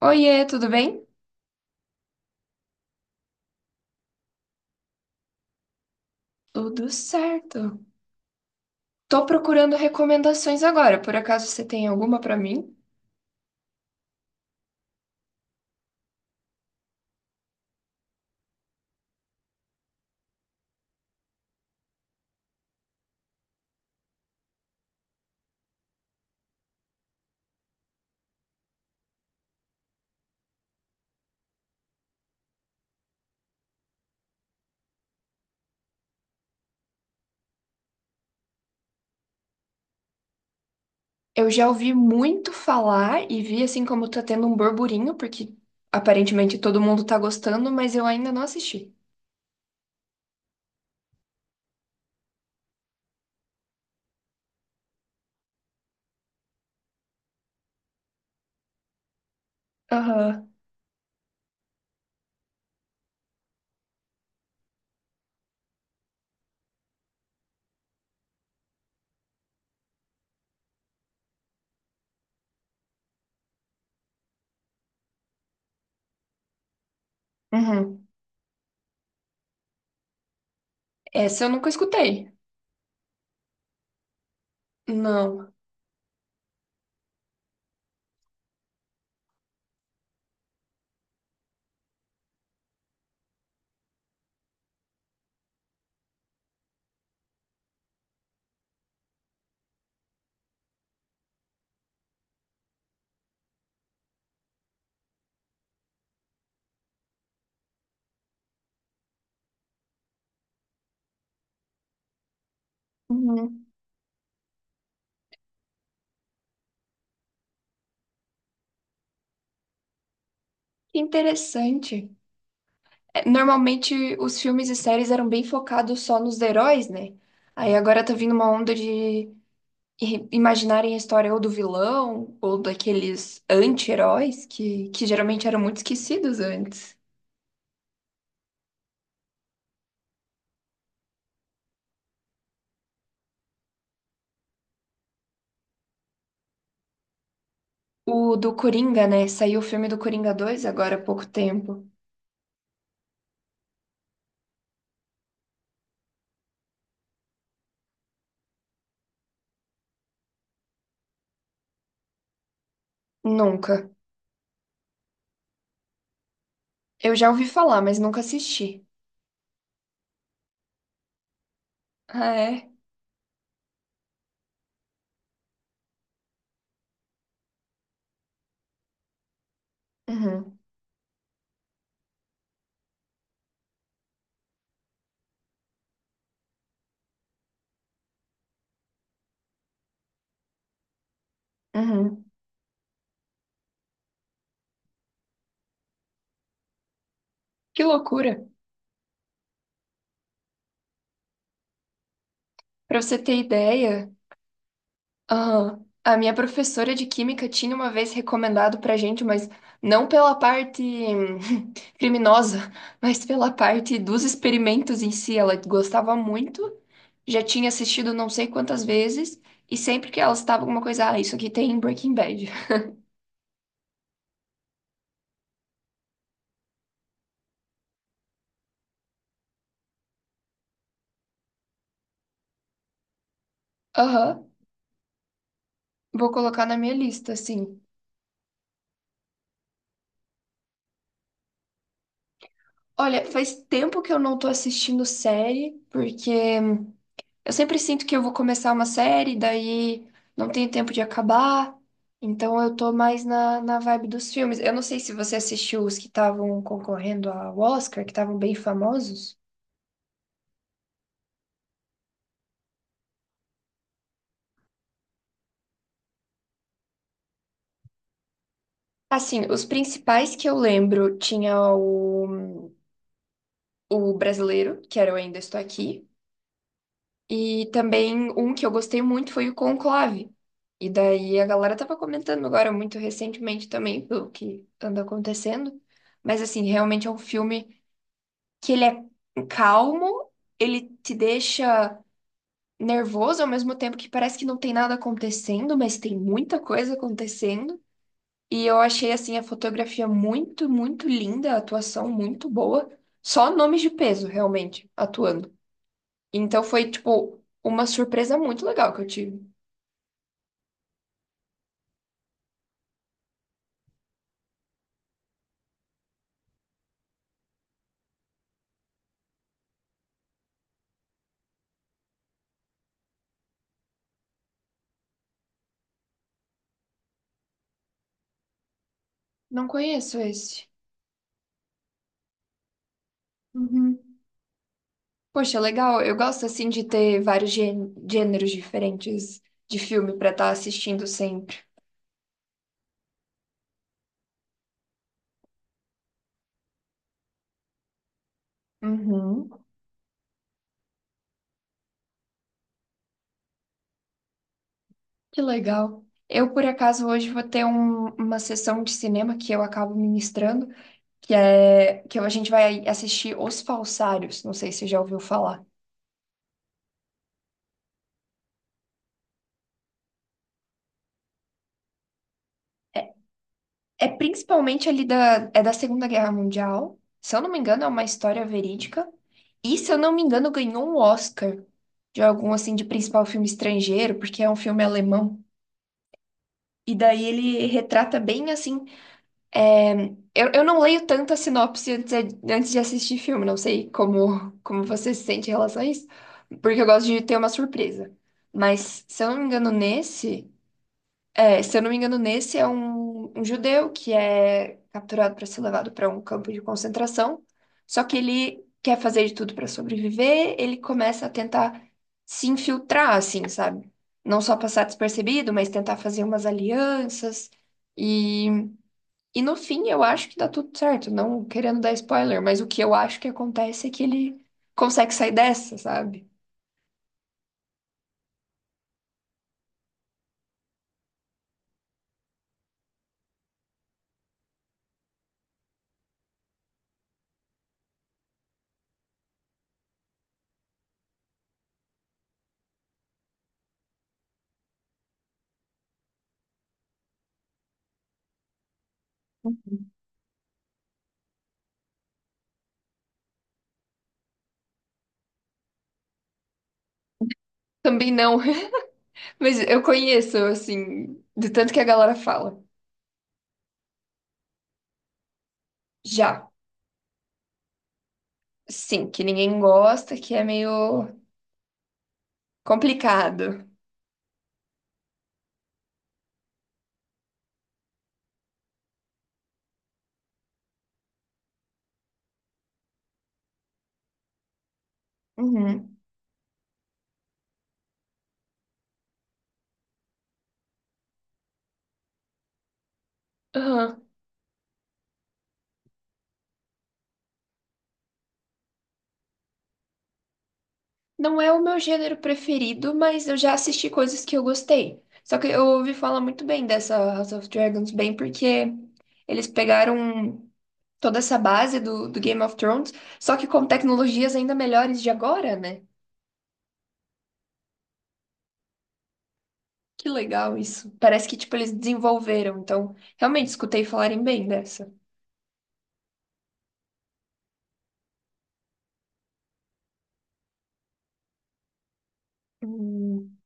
Oiê, tudo bem? Tudo certo. Tô procurando recomendações agora. Por acaso você tem alguma pra mim? Eu já ouvi muito falar e vi assim como tá tendo um burburinho, porque aparentemente todo mundo tá gostando, mas eu ainda não assisti. Aham. Uhum. Essa eu nunca escutei. Não. Uhum. Que interessante. É, normalmente os filmes e séries eram bem focados só nos heróis, né? Aí agora tá vindo uma onda de e imaginarem a história ou do vilão ou daqueles anti-heróis que geralmente eram muito esquecidos antes. O do Coringa, né? Saiu o filme do Coringa 2 agora há pouco tempo. Nunca. Eu já ouvi falar, mas nunca assisti. Ah, é? Uhum. Uhum. Que loucura. Pra você ter ideia. Aham, a minha professora de química tinha uma vez recomendado pra gente, mas não pela parte criminosa, mas pela parte dos experimentos em si. Ela gostava muito, já tinha assistido não sei quantas vezes, e sempre que ela estava alguma coisa, ah, isso aqui tem em Breaking Bad. Aham, vou colocar na minha lista, assim. Olha, faz tempo que eu não tô assistindo série, porque eu sempre sinto que eu vou começar uma série, daí não tenho tempo de acabar. Então eu tô mais na vibe dos filmes. Eu não sei se você assistiu os que estavam concorrendo ao Oscar, que estavam bem famosos. Assim, os principais que eu lembro tinha o brasileiro, que era o Ainda Estou Aqui, e também um que eu gostei muito foi o Conclave. E daí a galera tava comentando agora muito recentemente também pelo que anda acontecendo, mas assim, realmente é um filme que ele é calmo, ele te deixa nervoso ao mesmo tempo que parece que não tem nada acontecendo, mas tem muita coisa acontecendo. E eu achei assim a fotografia muito, muito linda, a atuação muito boa. Só nomes de peso realmente atuando. Então foi tipo uma surpresa muito legal que eu tive. Não conheço esse. Uhum. Poxa, legal. Eu gosto assim de ter vários gêneros diferentes de filme pra estar assistindo sempre. Uhum. Que legal. Eu, por acaso, hoje vou ter uma sessão de cinema que eu acabo ministrando, que é que a gente vai assistir Os Falsários. Não sei se você já ouviu falar. É, é principalmente ali da Segunda Guerra Mundial. Se eu não me engano, é uma história verídica. E, se eu não me engano, ganhou um Oscar de algum, assim, de principal filme estrangeiro, porque é um filme alemão. E daí ele retrata bem, assim, é, eu não leio tanta sinopse antes de assistir filme, não sei como você se sente em relação a isso, porque eu gosto de ter uma surpresa. Mas, se eu não me engano, nesse, é, se eu não me engano, nesse é um judeu que é capturado para ser levado para um campo de concentração, só que ele quer fazer de tudo para sobreviver, ele começa a tentar se infiltrar, assim, sabe? Não só passar despercebido, mas tentar fazer umas alianças. E no fim, eu acho que dá tudo certo, não querendo dar spoiler, mas o que eu acho que acontece é que ele consegue sair dessa, sabe? Também não, mas eu conheço, assim, de tanto que a galera fala. Já, sim, que ninguém gosta, que é meio complicado. Uhum. Aham. Não é o meu gênero preferido, mas eu já assisti coisas que eu gostei. Só que eu ouvi falar muito bem dessa House of Dragons, bem porque eles pegaram toda essa base do Game of Thrones, só que com tecnologias ainda melhores de agora, né? Que legal isso. Parece que, tipo, eles desenvolveram. Então, realmente, escutei falarem bem dessa. Hum,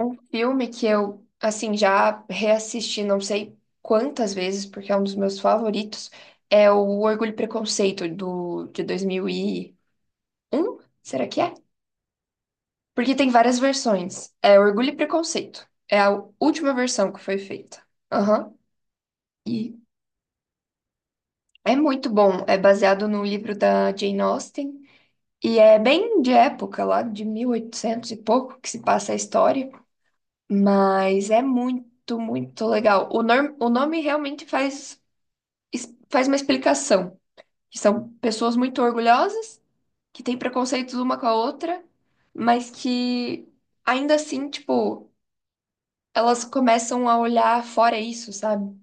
Um filme que eu, assim, já reassisti não sei quantas vezes, porque é um dos meus favoritos, é o Orgulho e Preconceito, de 2001, será que é? Porque tem várias versões. É Orgulho e Preconceito. É a última versão que foi feita. Aham. E É muito bom. É baseado no livro da Jane Austen. E é bem de época, lá de 1800 e oitocentos e pouco, que se passa a história. Mas é muito, muito legal. O nome realmente faz, faz uma explicação. Que são pessoas muito orgulhosas, que têm preconceitos uma com a outra, mas que ainda assim, tipo, elas começam a olhar fora isso, sabe?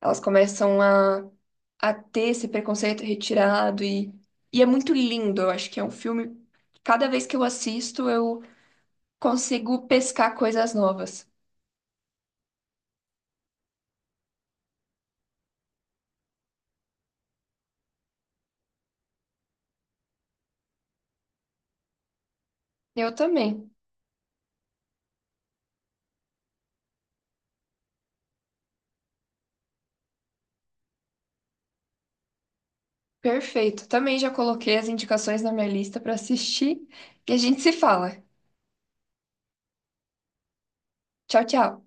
Elas começam a ter esse preconceito retirado e é muito lindo. Eu acho que é um filme. Cada vez que eu assisto, eu consigo pescar coisas novas. Eu também. Perfeito. Também já coloquei as indicações na minha lista para assistir e a gente se fala. Tchau, tchau.